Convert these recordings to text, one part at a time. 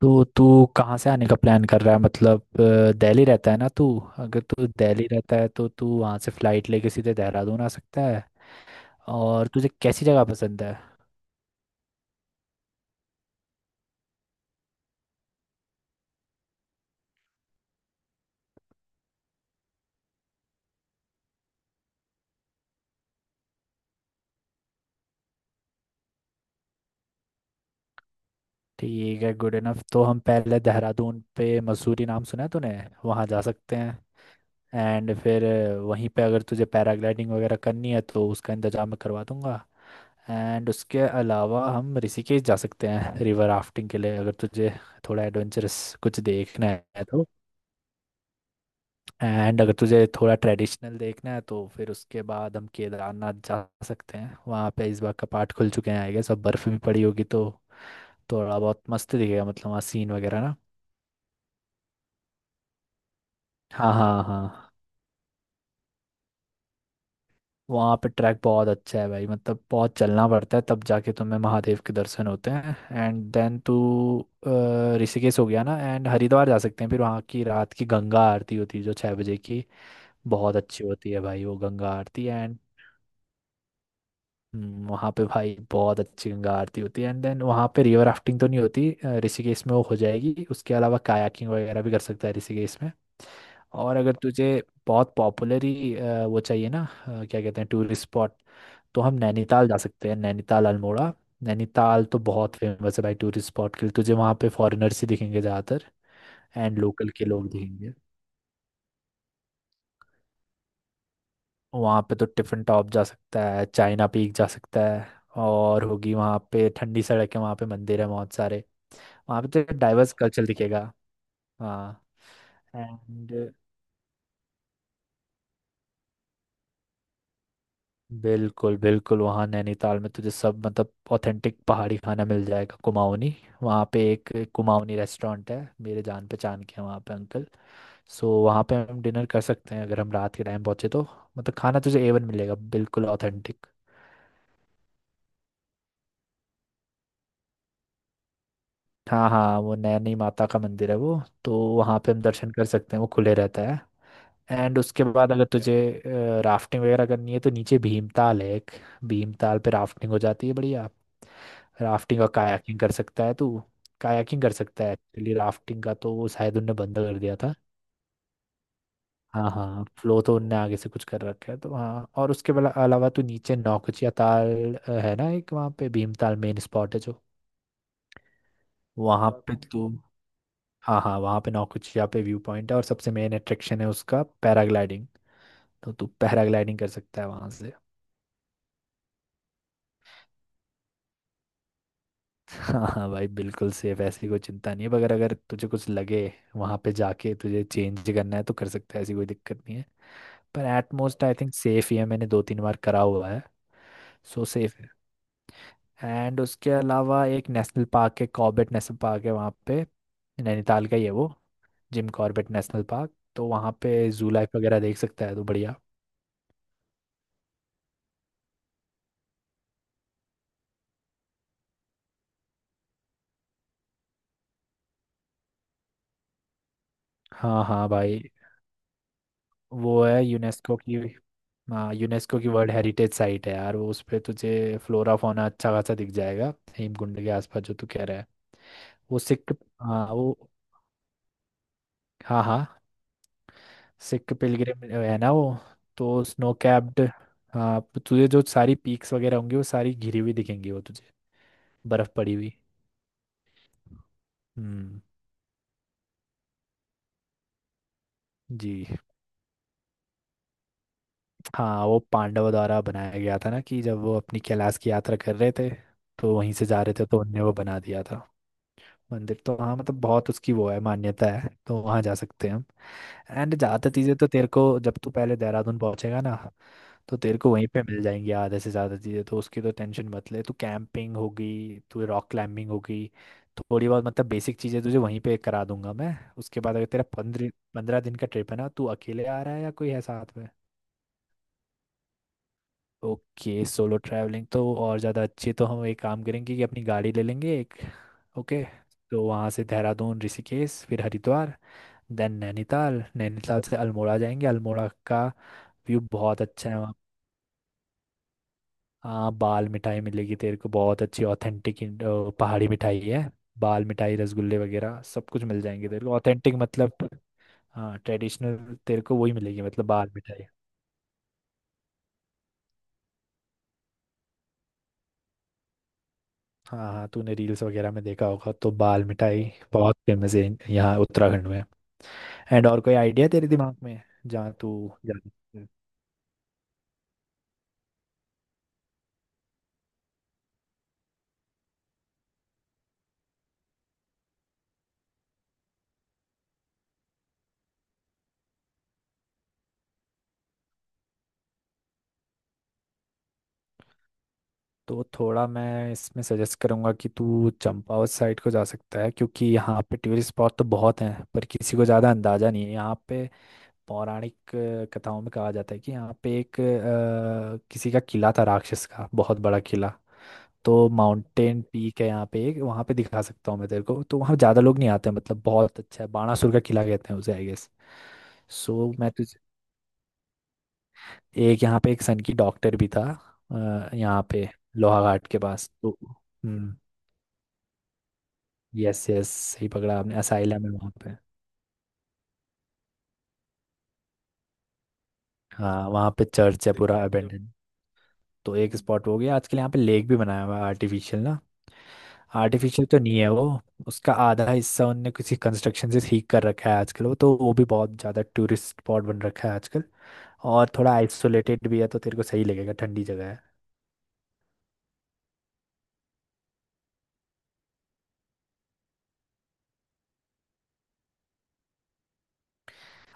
तो तू कहाँ से आने का प्लान कर रहा है? मतलब दिल्ली रहता है ना तू? अगर तू दिल्ली रहता है तो तू वहाँ से फ्लाइट लेके सीधे देहरादून आ सकता है। और तुझे कैसी जगह पसंद है? ठीक है, गुड इनफ। तो हम पहले देहरादून पे, मसूरी नाम सुना है तूने? वहाँ जा सकते हैं। एंड फिर वहीं पे अगर तुझे पैराग्लाइडिंग वगैरह करनी है तो उसका इंतजाम मैं करवा दूंगा। एंड उसके अलावा हम ऋषिकेश जा सकते हैं रिवर राफ्टिंग के लिए, अगर तुझे थोड़ा एडवेंचरस कुछ देखना है तो। एंड अगर तुझे थोड़ा ट्रेडिशनल देखना है तो फिर उसके बाद हम केदारनाथ जा सकते हैं। वहाँ पे इस बार का पार्ट खुल चुके हैं आई गेस, अब बर्फ भी पड़ी होगी तो थोड़ा बहुत मस्त दिखेगा, मतलब वहाँ सीन वगैरह ना। हाँ हाँ हाँ, वहाँ पे ट्रैक बहुत अच्छा है भाई, मतलब बहुत चलना पड़ता है तब जाके तुम्हें महादेव के दर्शन होते हैं। एंड देन तू ऋषिकेश हो गया ना, एंड हरिद्वार जा सकते हैं फिर। वहाँ की रात की गंगा आरती होती है जो छः बजे की, बहुत अच्छी होती है भाई वो गंगा आरती। एंड वहाँ पे भाई बहुत अच्छी गंगा आरती होती है। एंड देन वहाँ पे रिवर राफ्टिंग तो नहीं होती, ऋषिकेश में वो हो जाएगी। उसके अलावा कायाकिंग वगैरह भी कर सकता है ऋषिकेश में। और अगर तुझे बहुत पॉपुलर ही वो चाहिए ना, क्या कहते हैं, टूरिस्ट स्पॉट, तो हम नैनीताल जा सकते हैं, नैनीताल अल्मोड़ा। नैनीताल तो बहुत फेमस है भाई टूरिस्ट स्पॉट के लिए, तुझे वहाँ पे फॉरेनर्स ही दिखेंगे ज़्यादातर। एंड लोकल के लोग दिखेंगे। वहाँ पे तो टिफिन टॉप जा सकता है, चाइना पीक जा सकता है, और होगी वहाँ पे ठंडी सड़क है, वहाँ पे मंदिर है बहुत सारे, वहाँ पे तो डाइवर्स कल्चर दिखेगा। हाँ। एंड बिल्कुल बिल्कुल, वहाँ नैनीताल में तुझे सब, मतलब ऑथेंटिक पहाड़ी खाना मिल जाएगा, कुमाऊनी। वहाँ पे एक कुमाऊनी रेस्टोरेंट है, मेरे जान पहचान के हैं वहाँ पे अंकल। सो वहाँ पे हम डिनर कर सकते हैं अगर हम रात के टाइम पहुँचे तो। मतलब खाना तुझे एवन मिलेगा बिल्कुल ऑथेंटिक। हाँ हाँ, वो नैनी माता का मंदिर है वो। तो वहाँ पे हम दर्शन कर सकते हैं, वो खुले रहता है। एंड उसके बाद अगर तुझे राफ्टिंग वगैरह करनी है तो नीचे भीमताल है एक। भीमताल पे राफ्टिंग हो जाती है बढ़िया। राफ्टिंग और कायाकिंग कर सकता है तू। कायाकिंग कर सकता है एक्चुअली, राफ्टिंग का तो वो शायद उनने बंद कर दिया था। हाँ हाँ, फ्लो तो उनने आगे से कुछ कर रखा है तो हाँ। और उसके अलावा तू नीचे नौकुचिया ताल है ना एक, वहाँ पे भीमताल मेन स्पॉट है जो। वहाँ पे तू, हाँ हाँ, वहाँ पे नौकुचिया पे व्यू पॉइंट है, और सबसे मेन अट्रैक्शन है उसका पैराग्लाइडिंग। तो तू पैराग्लाइडिंग कर सकता है वहाँ। हाँ हाँ भाई, बिल्कुल सेफ, ऐसी कोई चिंता नहीं है। मगर अगर तुझे कुछ लगे वहाँ पे जाके, तुझे चेंज करना है तो कर सकता है, ऐसी कोई दिक्कत नहीं है। पर एटमोस्ट आई थिंक सेफ ही है, मैंने दो तीन बार करा हुआ है, सो सेफ है। एंड उसके अलावा एक नेशनल पार्क है, कॉर्बेट नेशनल पार्क है वहाँ पे, नैनीताल का ही है वो, जिम कॉर्बेट नेशनल पार्क। तो वहाँ पे जू लाइफ वगैरह देख सकता है, तो बढ़िया। हाँ हाँ भाई, वो है यूनेस्को की, हाँ यूनेस्को की वर्ल्ड हेरिटेज साइट है यार वो। उस पे तुझे फ्लोरा फौना अच्छा खासा दिख जाएगा हेमकुंड के आसपास जो तू कह रहा है। वो सिख, हाँ वो, हाँ हाँ, सिख पिलग्रिम है ना वो। तो स्नो कैप्ड, हाँ, तो तुझे जो सारी पीक्स वगैरह होंगी वो सारी घिरी हुई दिखेंगी वो तुझे, बर्फ पड़ी हुई। हम्म। जी हाँ, वो पांडवों द्वारा बनाया गया था ना, कि जब वो अपनी कैलाश की यात्रा कर रहे थे तो वहीं से जा रहे थे, तो उनने वो बना दिया था मंदिर तो। हाँ, मतलब बहुत उसकी वो है, मान्यता है, तो वहाँ जा सकते हैं हम। एंड ज्यादा चीजें तो तेरे को जब तू पहले देहरादून पहुंचेगा ना, तो तेरे को वहीं पे मिल जाएंगी आधे से ज्यादा चीजें, तो उसकी तो टेंशन मत ले तू। कैंपिंग होगी, तू रॉक क्लाइंबिंग होगी, थोड़ी बहुत मतलब बेसिक चीजें तुझे वहीं पे करा दूंगा मैं। उसके बाद अगर तेरा पंद्रह पंद्रह दिन का ट्रिप है ना, तू अकेले आ रहा है या कोई है साथ में? ओके, सोलो ट्रैवलिंग तो और ज़्यादा अच्छी। तो हम एक काम करेंगे कि अपनी गाड़ी ले लेंगे एक। ओके, तो वहाँ से देहरादून, ऋषिकेश, फिर हरिद्वार, देन नैनीताल, नैनीताल से अल्मोड़ा जाएंगे। अल्मोड़ा का व्यू बहुत अच्छा है वहाँ। हाँ बाल मिठाई मिलेगी तेरे को बहुत अच्छी, ऑथेंटिक पहाड़ी मिठाई है। बाल मिठाई, रसगुल्ले वगैरह सब कुछ मिल जाएंगे तेरे को ऑथेंटिक, मतलब। हाँ ट्रेडिशनल तेरे को वही मिलेगी, मतलब बाल मिठाई। हाँ हाँ, तूने रील्स वगैरह में देखा होगा तो, बाल मिठाई बहुत फेमस है यहाँ उत्तराखंड में। एंड, और कोई आइडिया तेरे दिमाग में? जहाँ तू जा- तो थोड़ा मैं इसमें सजेस्ट करूंगा कि तू चंपावत साइड को जा सकता है, क्योंकि यहाँ पे टूरिस्ट स्पॉट तो बहुत हैं पर किसी को ज़्यादा अंदाज़ा नहीं है यहाँ पे। पौराणिक कथाओं में कहा जाता है कि यहाँ पे एक किसी का किला था, राक्षस का बहुत बड़ा किला। तो माउंटेन पीक है यहाँ पे एक, वहाँ पे दिखा सकता हूँ मैं तेरे को। तो वहाँ ज़्यादा लोग नहीं आते हैं, मतलब बहुत अच्छा है। बाणासुर का किला कहते हैं उसे आई गेस। सो मैं तुझे, एक यहाँ पे एक सन की डॉक्टर भी था यहाँ पे, लोहाघाट के पास। तो हम्म, यस यस सही पकड़ा आपने, असाइलम है वहाँ पे। हाँ वहाँ पे चर्च है पूरा अबेंडन, तो एक स्पॉट हो गया आजकल। यहाँ पे लेक भी बनाया हुआ है आर्टिफिशियल, ना आर्टिफिशियल तो नहीं है वो। उसका आधा हिस्सा उनने किसी कंस्ट्रक्शन से ठीक कर रखा है आजकल वो, तो वो भी बहुत ज़्यादा टूरिस्ट स्पॉट बन रखा है आजकल। और थोड़ा आइसोलेटेड भी है तो तेरे को सही लगेगा, ठंडी जगह है।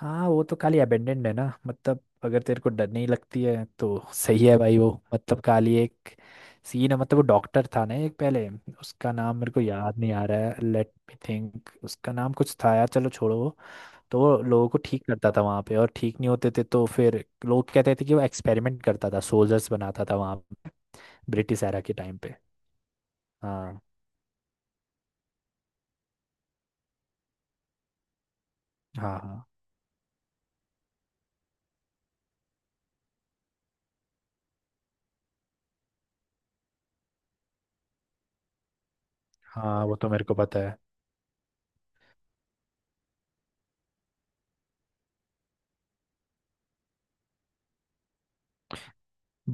हाँ वो तो खाली अबेंडेंड है ना, मतलब अगर तेरे को डर नहीं लगती है तो सही है भाई वो, मतलब खाली एक सीन है। मतलब वो डॉक्टर था ना एक पहले, उसका नाम मेरे को याद नहीं आ रहा है, लेट मी थिंक। उसका नाम कुछ था यार, चलो छोड़ो वो। तो वो लोगों को ठीक करता था वहाँ पे, और ठीक नहीं होते थे तो फिर लोग कहते थे कि वो एक्सपेरिमेंट करता था, सोल्जर्स बनाता था वहाँ, ब्रिटिश एरा के टाइम पे। हाँ हाँ हाँ, हाँ वो तो मेरे को पता है।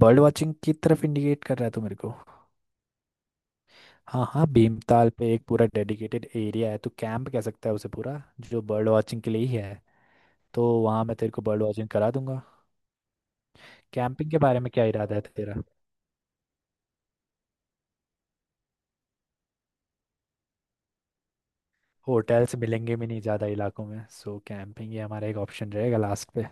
बर्ड वॉचिंग की तरफ इंडिकेट कर रहा है तो मेरे को, हाँ हाँ, भीमताल पे एक पूरा डेडिकेटेड एरिया है, तो कैंप कह सकता है उसे पूरा, जो बर्ड वॉचिंग के लिए ही है। तो वहाँ मैं तेरे को बर्ड वॉचिंग करा दूंगा। कैंपिंग के बारे में क्या इरादा है तेरा? होटल्स मिलेंगे भी नहीं ज़्यादा इलाकों में, सो कैंपिंग ही हमारा एक ऑप्शन रहेगा लास्ट पे।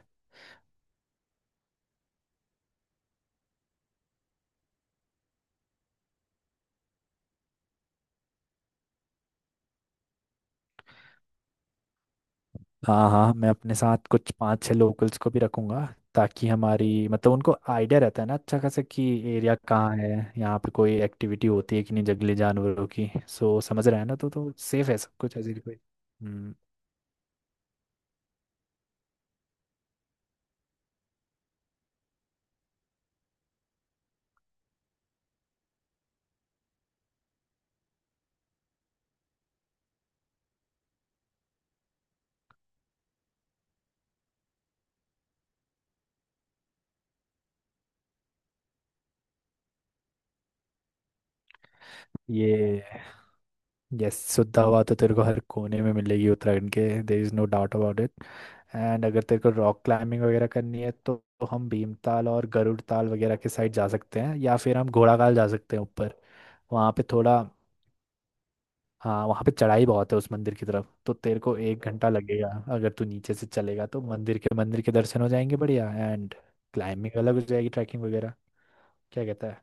हाँ हाँ, मैं अपने साथ कुछ पाँच छह लोकल्स को भी रखूंगा, ताकि हमारी, मतलब उनको आइडिया रहता है ना अच्छा खासा कि एरिया कहाँ है, यहाँ पे कोई एक्टिविटी होती है कि नहीं जंगली जानवरों की, सो समझ रहे हैं ना। तो सेफ है सब कुछ, ऐसे कोई, हम्म। ये यस, शुद्ध हवा तो तेरे को हर कोने में मिलेगी उत्तराखंड के, there is no doubt about it. And अगर तेरे को रॉक क्लाइंबिंग वगैरह करनी है तो हम भीमताल और गरुड़ ताल वगैरह के साइड जा सकते हैं, या फिर हम घोड़ाखाल जा सकते हैं ऊपर। वहाँ पे थोड़ा, हाँ वहाँ पे चढ़ाई बहुत है उस मंदिर की तरफ, तो तेरे को एक घंटा लगेगा अगर तू नीचे से चलेगा तो। मंदिर के, मंदिर के दर्शन हो जाएंगे बढ़िया, एंड क्लाइंबिंग अलग हो जाएगी, ट्रैकिंग वगैरह। क्या कहता है?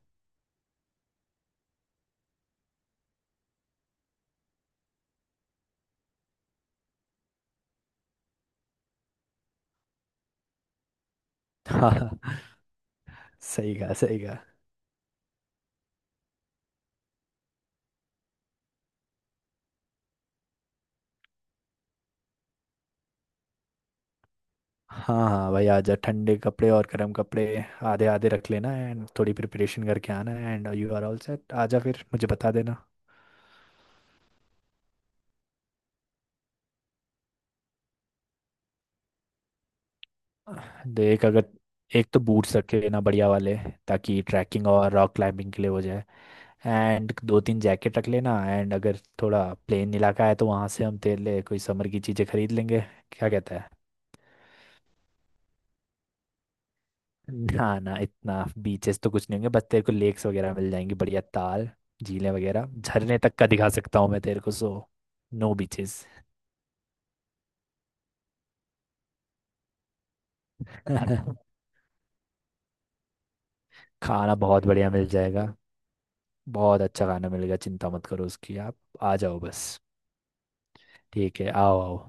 हाँ हाँ, सही कहा सही कहा। हाँ हाँ भाई, आजा। ठंडे कपड़े और गर्म कपड़े आधे आधे रख लेना, एंड थोड़ी प्रिपरेशन करके आना, and you are all set. आजा फिर मुझे बता देना। देख, अगर एक तो बूट्स रख के लेना बढ़िया वाले, ताकि ट्रैकिंग और रॉक क्लाइंबिंग के लिए हो जाए। एंड दो तीन जैकेट रख लेना। एंड अगर थोड़ा प्लेन इलाका है तो वहाँ से हम तेरे लिए कोई समर की चीज़ें खरीद लेंगे। क्या कहता है? ना ना, इतना बीचेस तो कुछ नहीं होंगे, बस तेरे को लेक्स वगैरह मिल जाएंगी बढ़िया, ताल, झीलें वगैरह, झरने तक का दिखा सकता हूँ मैं तेरे को, सो नो बीचेस। खाना बहुत बढ़िया मिल जाएगा, बहुत अच्छा खाना मिलेगा, चिंता मत करो उसकी आप। आ जाओ बस। ठीक है, आओ आओ।